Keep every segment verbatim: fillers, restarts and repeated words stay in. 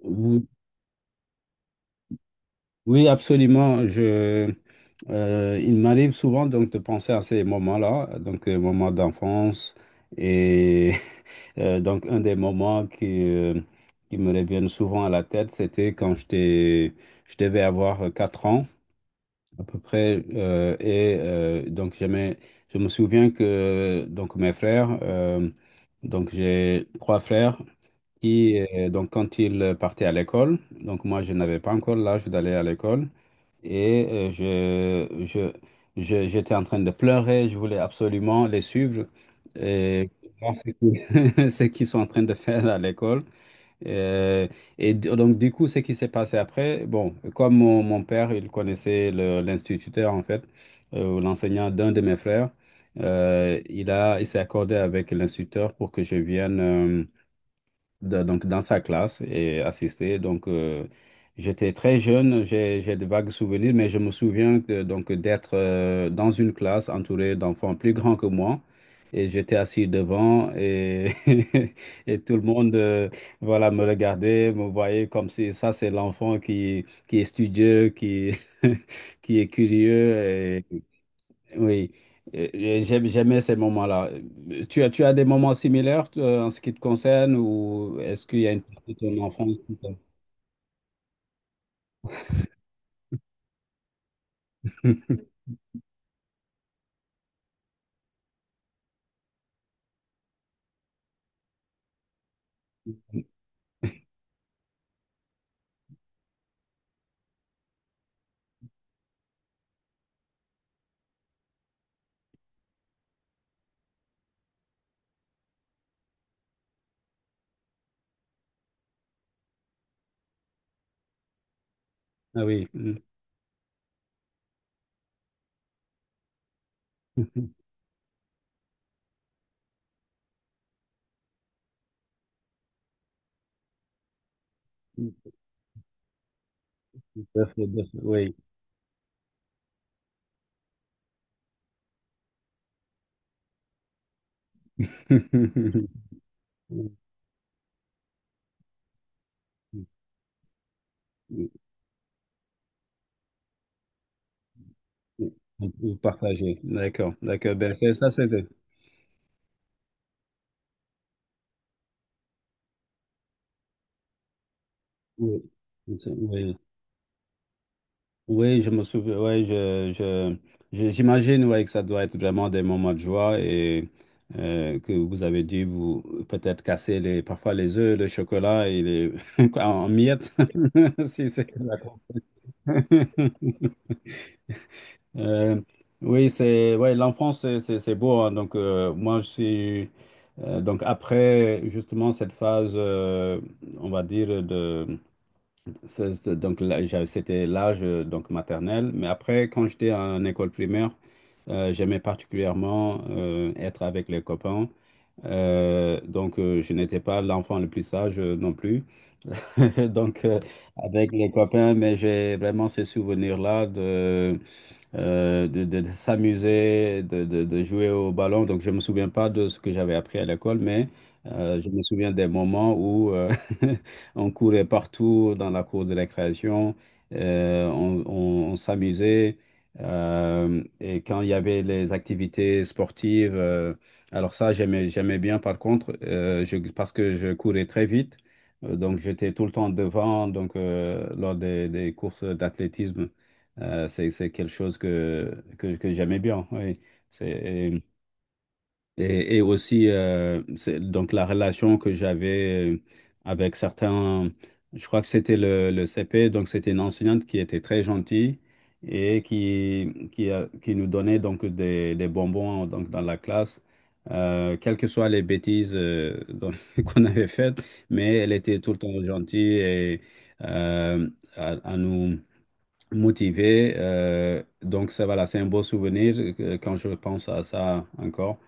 Oui, oui, absolument. Je, euh, il m'arrive souvent donc de penser à ces moments-là, donc euh, moments d'enfance et euh, donc un des moments qui, euh, qui me reviennent souvent à la tête. C'était quand j'étais, je devais avoir euh, quatre ans à peu près. Euh, et euh, donc, jamais, Je me souviens que donc mes frères, euh, donc j'ai trois frères qui, euh, donc Quand ils partaient à l'école, donc moi je n'avais pas encore l'âge d'aller à l'école, et euh, je, je, je- j'étais en train de pleurer, je voulais absolument les suivre et voir ce qu'ils ce qu'ils sont en train de faire à l'école. Euh, et d- donc, du coup, ce qui s'est passé après, bon, comme mon, mon père, il connaissait le- l'instituteur, en fait, euh, l'enseignant d'un de mes frères, euh, il a, il s'est accordé avec l'instituteur pour que je vienne euh, de- donc dans sa classe et assister. Donc, euh, j'étais très jeune, j'ai, J'ai de vagues souvenirs, mais je me souviens que- donc d'être euh, dans une classe entourée d'enfants plus grands que moi. Et j'étais assis devant, et, et tout le monde euh, voilà, me regardait, me voyait comme si ça, c'est l'enfant qui, qui est studieux, qui, qui est curieux. Oui. Euh, euh, j'aime jamais ces moments-là. Euh, Tu as, tu as des moments similaires toi, en ce qui te concerne, ou est-ce qu'il y a une partie de ton enfance qui t'a- Ah oui. Mm. Tout à fait, tout à fait, oui. Vous partagez. D'accord, d'accord. Ben, c'est- ça, c'est... Oui. C'est- Oui. Oui, je me souviens, ouais, je, je, je- j'imagine ouais, que ça doit être vraiment des moments de joie, et euh, que vous avez dû vous peut-être casser les, parfois les œufs, le chocolat, et les quoi, en miettes, si c'est la consigne. Euh, oui, c'est ouais, l'enfance, c'est c'est- c'est beau, hein. donc, euh, moi, je suis. Euh, donc, Après justement cette phase, euh, on va dire, de, c'est- c'est- Donc, là, j'a- c'était l'âge euh, donc maternel. Mais après, quand j'étais en école primaire, euh, j'aimais particulièrement euh, être avec les copains. Euh, donc, euh, je n'étais pas l'enfant le plus sage euh, non plus. Donc, euh, Avec les copains, mais j'ai vraiment ce souvenir-là euh, de, de- de s'amuser, de, de- de jouer au ballon. Donc, je ne me souviens pas de ce que j'avais appris à l'école, mais euh, je me souviens des moments où euh, on courait partout dans la cour de récréation, euh, on, on- on s'amusait. Euh, et quand il y avait les activités sportives, euh, alors ça, j'aimais, j'aimais bien par contre, euh, je- parce que je courais très vite. Euh, Donc, j'étais tout le temps devant, donc, euh, lors des, des courses d'athlétisme. Euh, c'est, c'est quelque chose que, que, que j'aimais bien. Oui. C'est, et, et aussi, euh, c'est, donc, la relation que j'avais euh, avec certains, je crois que c'était le, le C P. Donc c'était une enseignante qui était très gentille et qui, qui, a- qui nous donnait donc des, des bonbons donc, dans la classe. Euh, quelles que soient les bêtises euh, donc, qu'on avait faites, mais elle était tout le temps gentille et euh, à, à nous motivé. Euh, donc, ça, voilà, c'est un beau souvenir euh, quand je pense à ça encore.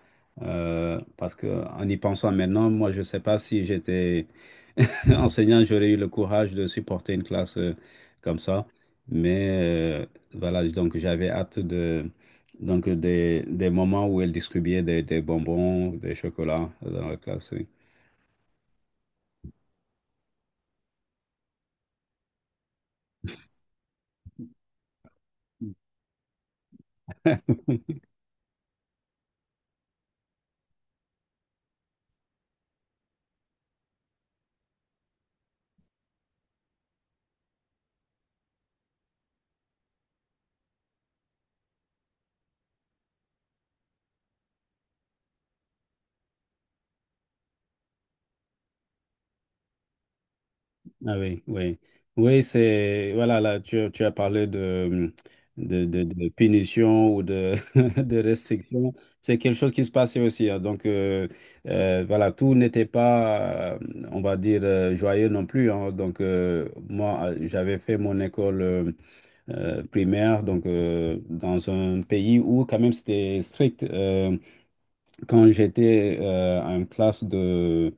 Euh, parce que en y pensant maintenant, moi, je ne sais pas si j'étais enseignant, j'aurais eu le courage de supporter une classe euh, comme ça. Mais euh, voilà, donc j'avais hâte de donc des, des moments où elle distribuait des, des bonbons, des chocolats dans la classe. Oui. Ah oui, oui. Oui, c'est. Voilà, là, tu, as- tu as parlé de, de, de, de punition ou de, de restriction. C'est quelque chose qui se passait aussi, hein. Donc, euh, euh, voilà, tout n'était pas, euh, on va dire, euh, joyeux non plus, hein. Donc, euh, moi, euh, j'avais fait mon école euh, euh, primaire donc, euh, dans un pays où, quand même, c'était strict. Euh, quand j'étais euh, en classe de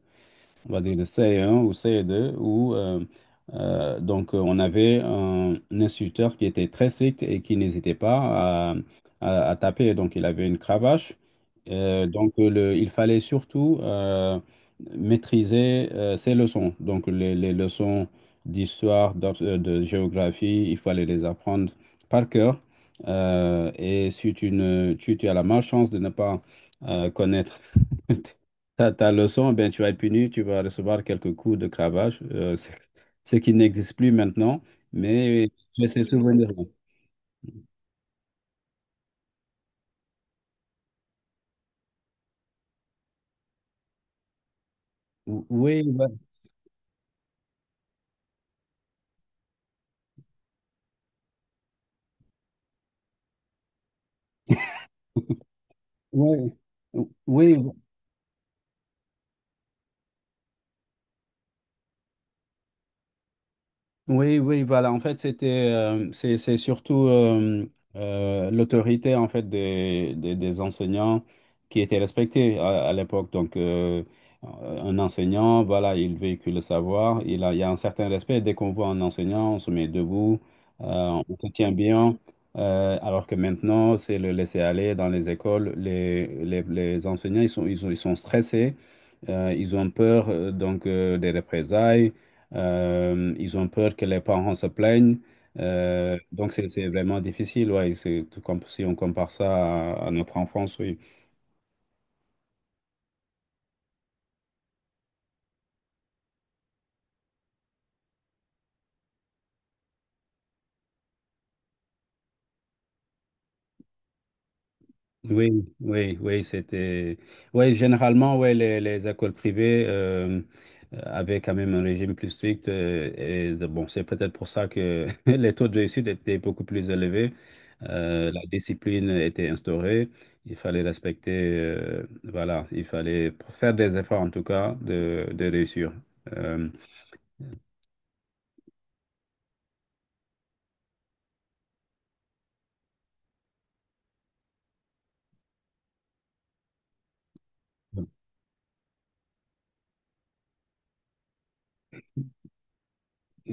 on va dire de c un ou c deux où euh, euh, donc euh, on avait un, un instructeur qui était très strict et qui n'hésitait pas à, à- à taper. Donc il avait une cravache. Euh, donc euh, le, il fallait surtout euh, maîtriser euh, ses leçons. Donc les, les leçons d'histoire, d'ab- euh, de géographie, il fallait les apprendre par cœur. Euh, et si tu, ne, tu, tu as la malchance de ne pas euh, connaître ta, ta leçon, ben, tu vas être puni, tu vas recevoir quelques coups de cravache, euh, ce ce qui n'existe plus maintenant, mais j'ai ces souvenirs. Oui, bah, oui, oui. Oui, oui, voilà. En fait, c'était, euh, c'est, c'est surtout euh, euh, l'autorité en fait des, des, des enseignants qui était respectée à, à l'époque. Donc, euh, un enseignant, voilà, il véhicule le savoir. Il a, il y a un certain respect. Dès qu'on voit un enseignant, on se met debout, euh, on se tient bien. Euh, alors que maintenant, c'est le laisser aller dans les écoles. Les, les, les enseignants, ils sont, ils sont, ils sont stressés. Euh, ils ont peur euh, donc euh, des représailles. Euh, ils ont peur que les parents se plaignent. Euh, donc c'est c'est vraiment difficile, ouais. C'est tout comme si on compare ça à, à notre enfance, oui. Oui, oui, oui, c'était. Oui, généralement, ouais, les, les écoles privées euh, avaient quand même un régime plus strict, euh, et de- bon, c'est peut-être pour ça que les taux de réussite étaient beaucoup plus élevés. Euh, la discipline était instaurée. Il fallait respecter, euh, voilà, il fallait faire des efforts, en tout cas, de, de réussir. Euh,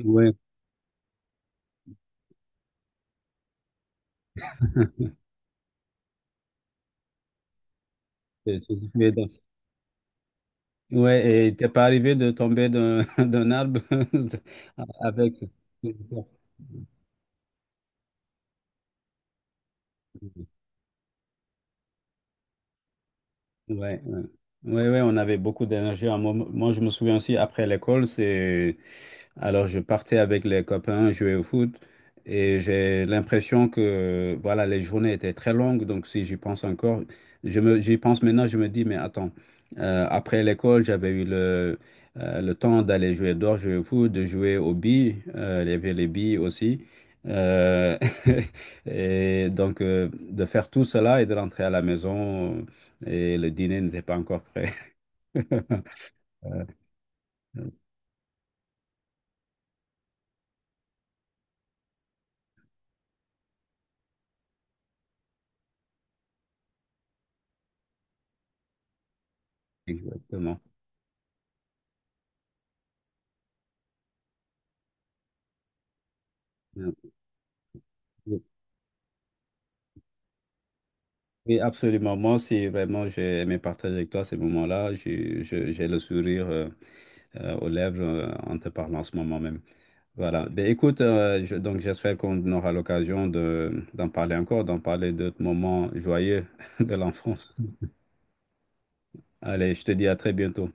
ouais. C'est- c'est ce dans- Ouais, et t'es pas arrivé de tomber d'un d'un arbre avec. Ouais, ouais. Ouais, ouais, on avait beaucoup d'énergie. Un moment- Moi, je me souviens aussi, après l'école, c'est... Alors, je partais avec les copains jouer au foot, et j'ai l'impression que, voilà, les journées étaient très longues. Donc, si j'y pense encore, je me... j'y pense maintenant, je me dis, mais attends, euh, après l'école, j'avais eu le, euh, le temps d'aller jouer dehors, jouer au foot, de jouer aux billes. Euh, il y avait les billes aussi. Euh, Et donc, euh, de faire tout cela et de rentrer à la maison, et le dîner n'était pas encore prêt. Euh, Exactement. Euh, Oui, absolument. Moi aussi, vraiment, j'ai aimé partager avec toi ces moments-là. J'ai je- j'ai le sourire euh, euh, aux lèvres euh, en te parlant en ce moment même. Voilà. Ben, écoute, euh, je- donc j'espère qu'on aura l'occasion de, d'en parler encore, d'en parler d'autres moments joyeux de l'enfance. Allez, je te dis à très bientôt.